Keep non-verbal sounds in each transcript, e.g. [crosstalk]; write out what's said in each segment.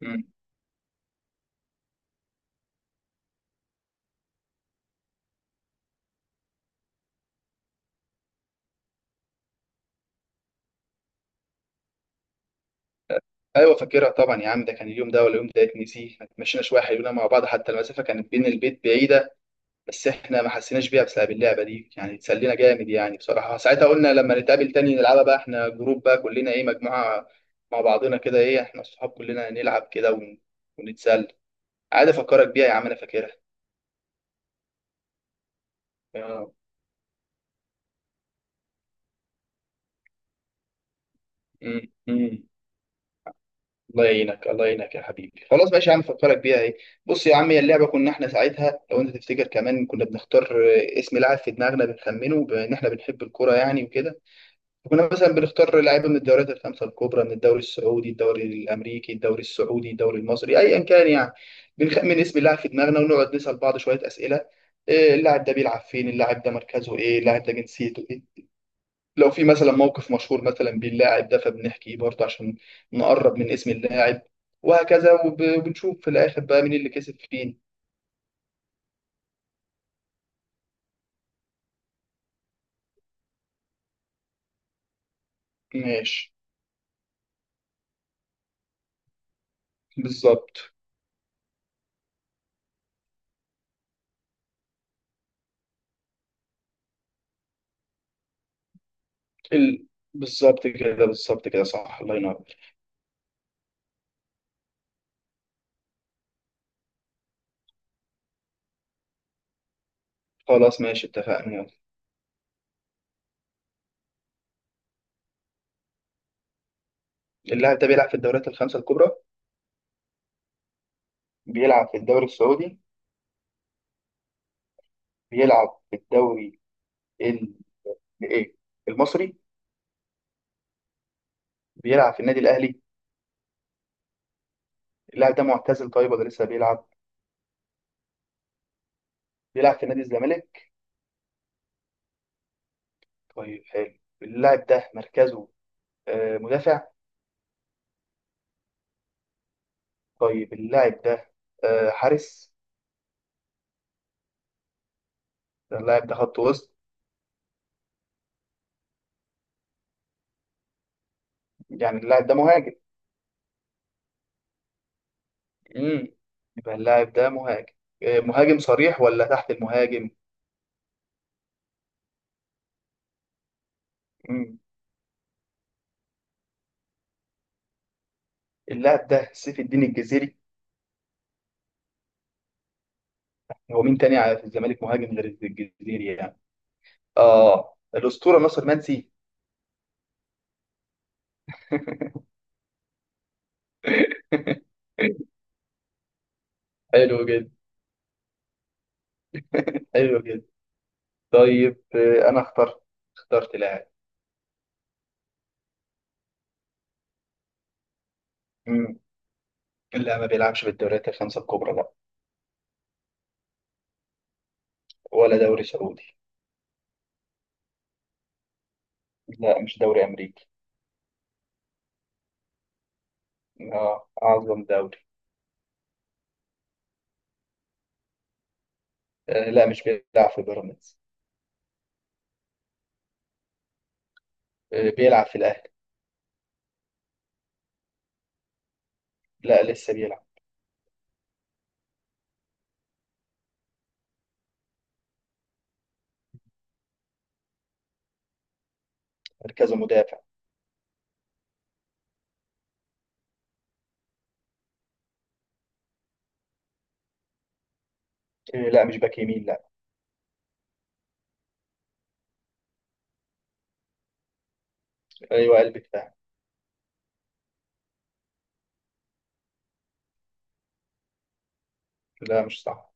مم. ايوه فاكرها طبعا يا عم، ده كان اليوم ده ولا اليوم ده؟ اتنسي احنا اتمشينا شويه حلوين مع بعض، حتى المسافه كانت بين البيت بعيده بس احنا ما حسيناش بيها بسبب اللعبه دي. يعني اتسلينا جامد يعني بصراحه. ساعتها قلنا لما نتقابل تاني نلعبها بقى احنا جروب بقى كلنا، ايه، مجموعه مع بعضنا كده، ايه، احنا الصحاب كلنا نلعب كده ونتسلى عادي. افكرك بيها يا عم، انا فاكرها. آه. مم. مم. الله يعينك، الله يعينك يا حبيبي. خلاص ماشي يا عم، فكرك بيها. ايه، بص يا عم، هي اللعبه كنا احنا ساعتها لو انت تفتكر، كمان كنا بنختار اسم لاعب في دماغنا بنخمنه، بان احنا بنحب الكوره يعني وكده. كنا مثلا بنختار لعيبه من الدوريات الخمسه الكبرى، من الدوري السعودي، الدوري الامريكي، الدوري السعودي، الدوري المصري، ايا كان يعني. بنخمن اسم لاعب في دماغنا ونقعد نسال بعض شويه اسئله: إيه اللاعب ده بيلعب فين، اللاعب ده مركزه ايه، اللاعب ده جنسيته، لو في مثلا موقف مشهور مثلا باللاعب ده فبنحكيه برضه عشان نقرب من اسم اللاعب، وهكذا. وبنشوف في الاخر بقى مين اللي كسب فين. ماشي. بالظبط. ال... بالظبط كده، بالظبط كده، صح الله ينور. خلاص ماشي، اتفقنا، يلا. اللاعب ده بيلعب في الدوريات الخمسة الكبرى؟ بيلعب في الدوري السعودي؟ بيلعب في الدوري ال... ايه، المصري؟ بيلعب في النادي الاهلي؟ اللاعب ده معتزل طيب ولا لسه بيلعب؟ بيلعب في نادي الزمالك؟ طيب حلو. اللاعب ده مركزه مدافع؟ طيب اللاعب ده حارس؟ اللاعب ده خط وسط؟ يعني اللاعب ده مهاجم؟ امم، يبقى اللاعب ده مهاجم. مهاجم صريح ولا تحت المهاجم؟ مم. اللاعب ده سيف الدين الجزيري؟ هو مين تاني في الزمالك مهاجم غير الجزيري يعني؟ اه، الأسطورة ناصر منسي. [laughs] حلو جدا. حلو جدا. طيب، انا اخترت، اخترت لاعب. مم. لا، ما بيلعبش بالدوريات الخمسة الكبرى، لا. ولا دوري سعودي. لا، مش دوري امريكي. اه، أعظم دوري. آه لا، مش بيلعب في بيراميدز. آه، بيلعب في الأهلي. لا لسه بيلعب. مركزه مدافع. آه لا، مش باك يمين، لا. أيوه، قلب دفاع. لا مش صح.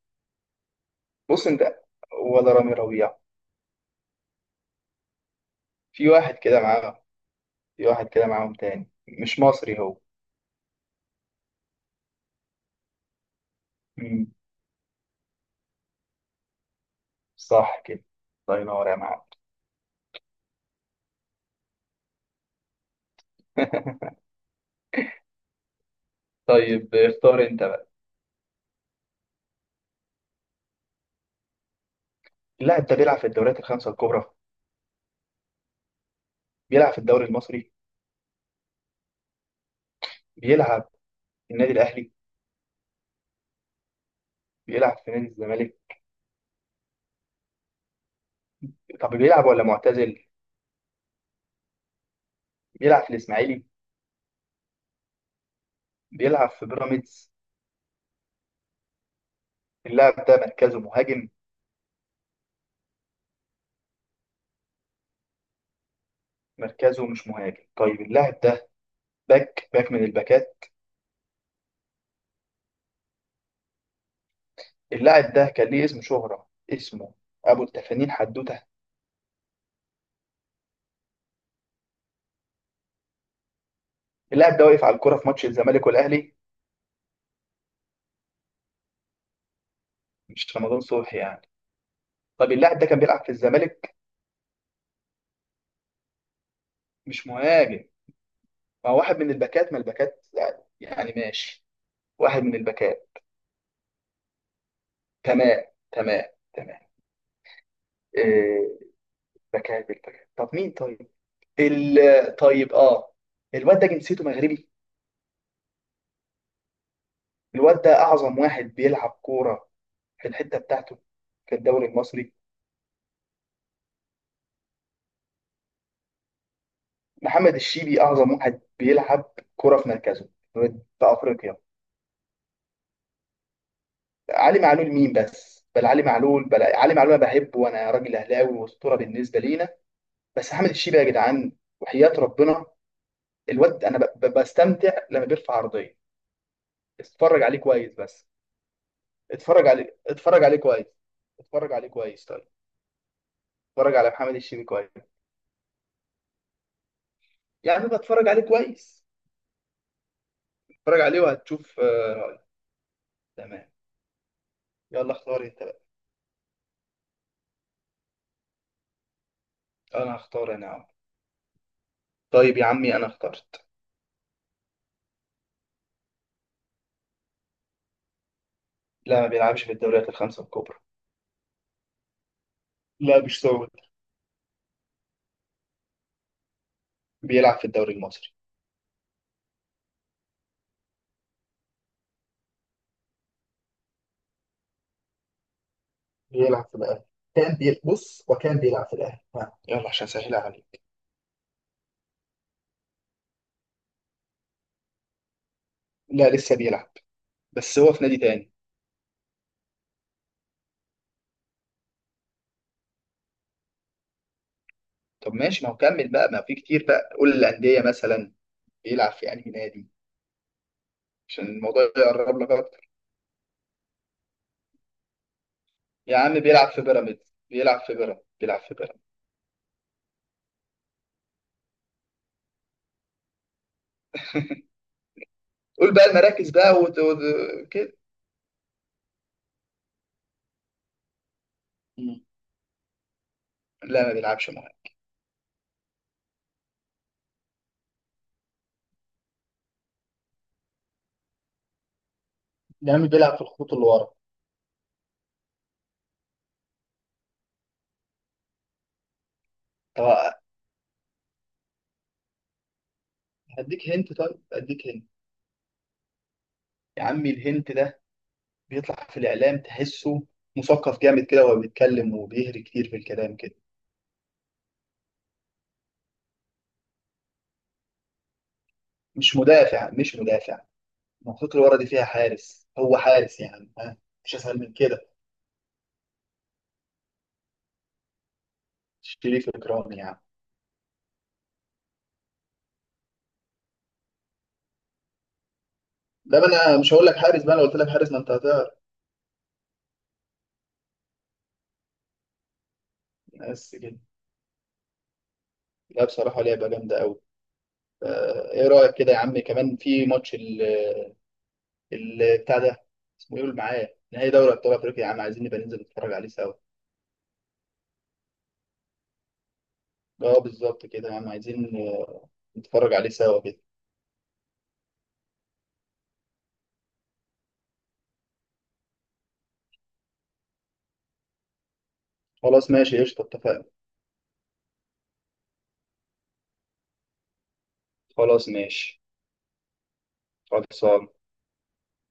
بص أنت، ولا رامي ربيعة. في واحد كده معاهم، في واحد كده معاهم تاني مش مصري هو. مم. صح كده، الله ينور يا معلم. [laughs] طيب اختار أنت بقى. اللاعب ده بيلعب في الدوريات الخمسة الكبرى؟ بيلعب في الدوري المصري؟ بيلعب في النادي الأهلي؟ بيلعب في نادي الزمالك؟ طب بيلعب ولا معتزل؟ بيلعب في الإسماعيلي؟ بيلعب في بيراميدز؟ اللاعب ده مركزه مهاجم؟ مركزه مش مهاجم. طيب اللاعب ده باك، باك من الباكات؟ اللاعب ده كان ليه اسم شهرة، اسمه ابو التفانين حدوته؟ اللاعب ده واقف على الكرة في ماتش الزمالك والاهلي؟ مش رمضان صبحي يعني؟ طب اللاعب ده كان بيلعب في الزمالك؟ مش مهاجم، ما هو واحد من الباكات، ما الباكات يعني يعني ماشي. واحد من الباكات. تمام. تمام. تمام. إيه، باكات بالباكات؟ طب مين طيب؟ ال، طيب، اه، الواد ده جنسيته مغربي؟ الواد ده اعظم واحد بيلعب كوره في الحته بتاعته، في الدوري المصري. محمد الشيبي اعظم واحد بيلعب كوره في مركزه في افريقيا. علي معلول مين بس؟ بل علي معلول، بل علي معلول انا بحبه وانا راجل اهلاوي واسطوره بالنسبه لينا، بس محمد الشيبي يا جدعان وحياه ربنا. الواد انا بستمتع لما بيرفع عرضيه. اتفرج عليه كويس بس، اتفرج عليه، اتفرج عليه كويس، اتفرج عليه كويس طيب، اتفرج على محمد الشيبي كويس. يعني بتفرج عليه كويس، اتفرج عليه وهتشوف. تمام. يلا اختار انت بقى. انا هختار انا أهو. طيب يا عمي، انا اخترت. لا، ما بيلعبش في الدوريات الخمسة الكبرى. لا مش سعودي. بيلعب في الدوري المصري. بيلعب في الاهلي. بص، وكان بيلعب في الاهلي، ها. يلا عشان سهلها عليك. لا لسه بيلعب، بس هو في نادي تاني. طب ماشي، ما هو كمل بقى، ما في كتير بقى، قول الأندية مثلا، بيلعب في أنهي نادي، عشان الموضوع يقرب لك أكتر. يا عم بيلعب في بيراميدز، بيلعب في بيراميدز، بيلعب في بيراميدز. قول بقى المراكز بقى كده. مم. لا، ما بيلعبش. يا عمي بيلعب في الخطوط اللي ورا. طب هديك هنت، طيب هديك هنت. يا عمي الهنت ده بيطلع في الإعلام، تحسه مثقف جامد كده وهو بيتكلم وبيهري كتير في الكلام كده. مش مدافع، مش مدافع. المنطقة اللي ورا دي فيها حارس، هو حارس يعني، ها، مش أسهل من كده؟ شريف إكرامي يعني. ده بقى أنا مش هقول لك حارس بقى، لو قلت لك حارس ما أنت هتعرف. بس كده. لا بصراحة لعبة جامدة أوي. فا، إيه رأيك كده يا عم، كمان في ماتش بتاع ده، اسمه إيه، قول معايا، نهائي دوري أبطال أفريقيا، يا عم عايزين نبقى ننزل نتفرج عليه سوا. اه بالظبط كده يا عم، عايزين نتفرج عليه سوا كده. خلاص ماشي قشطة، اتفقنا. خلاص ماشي. خلاص.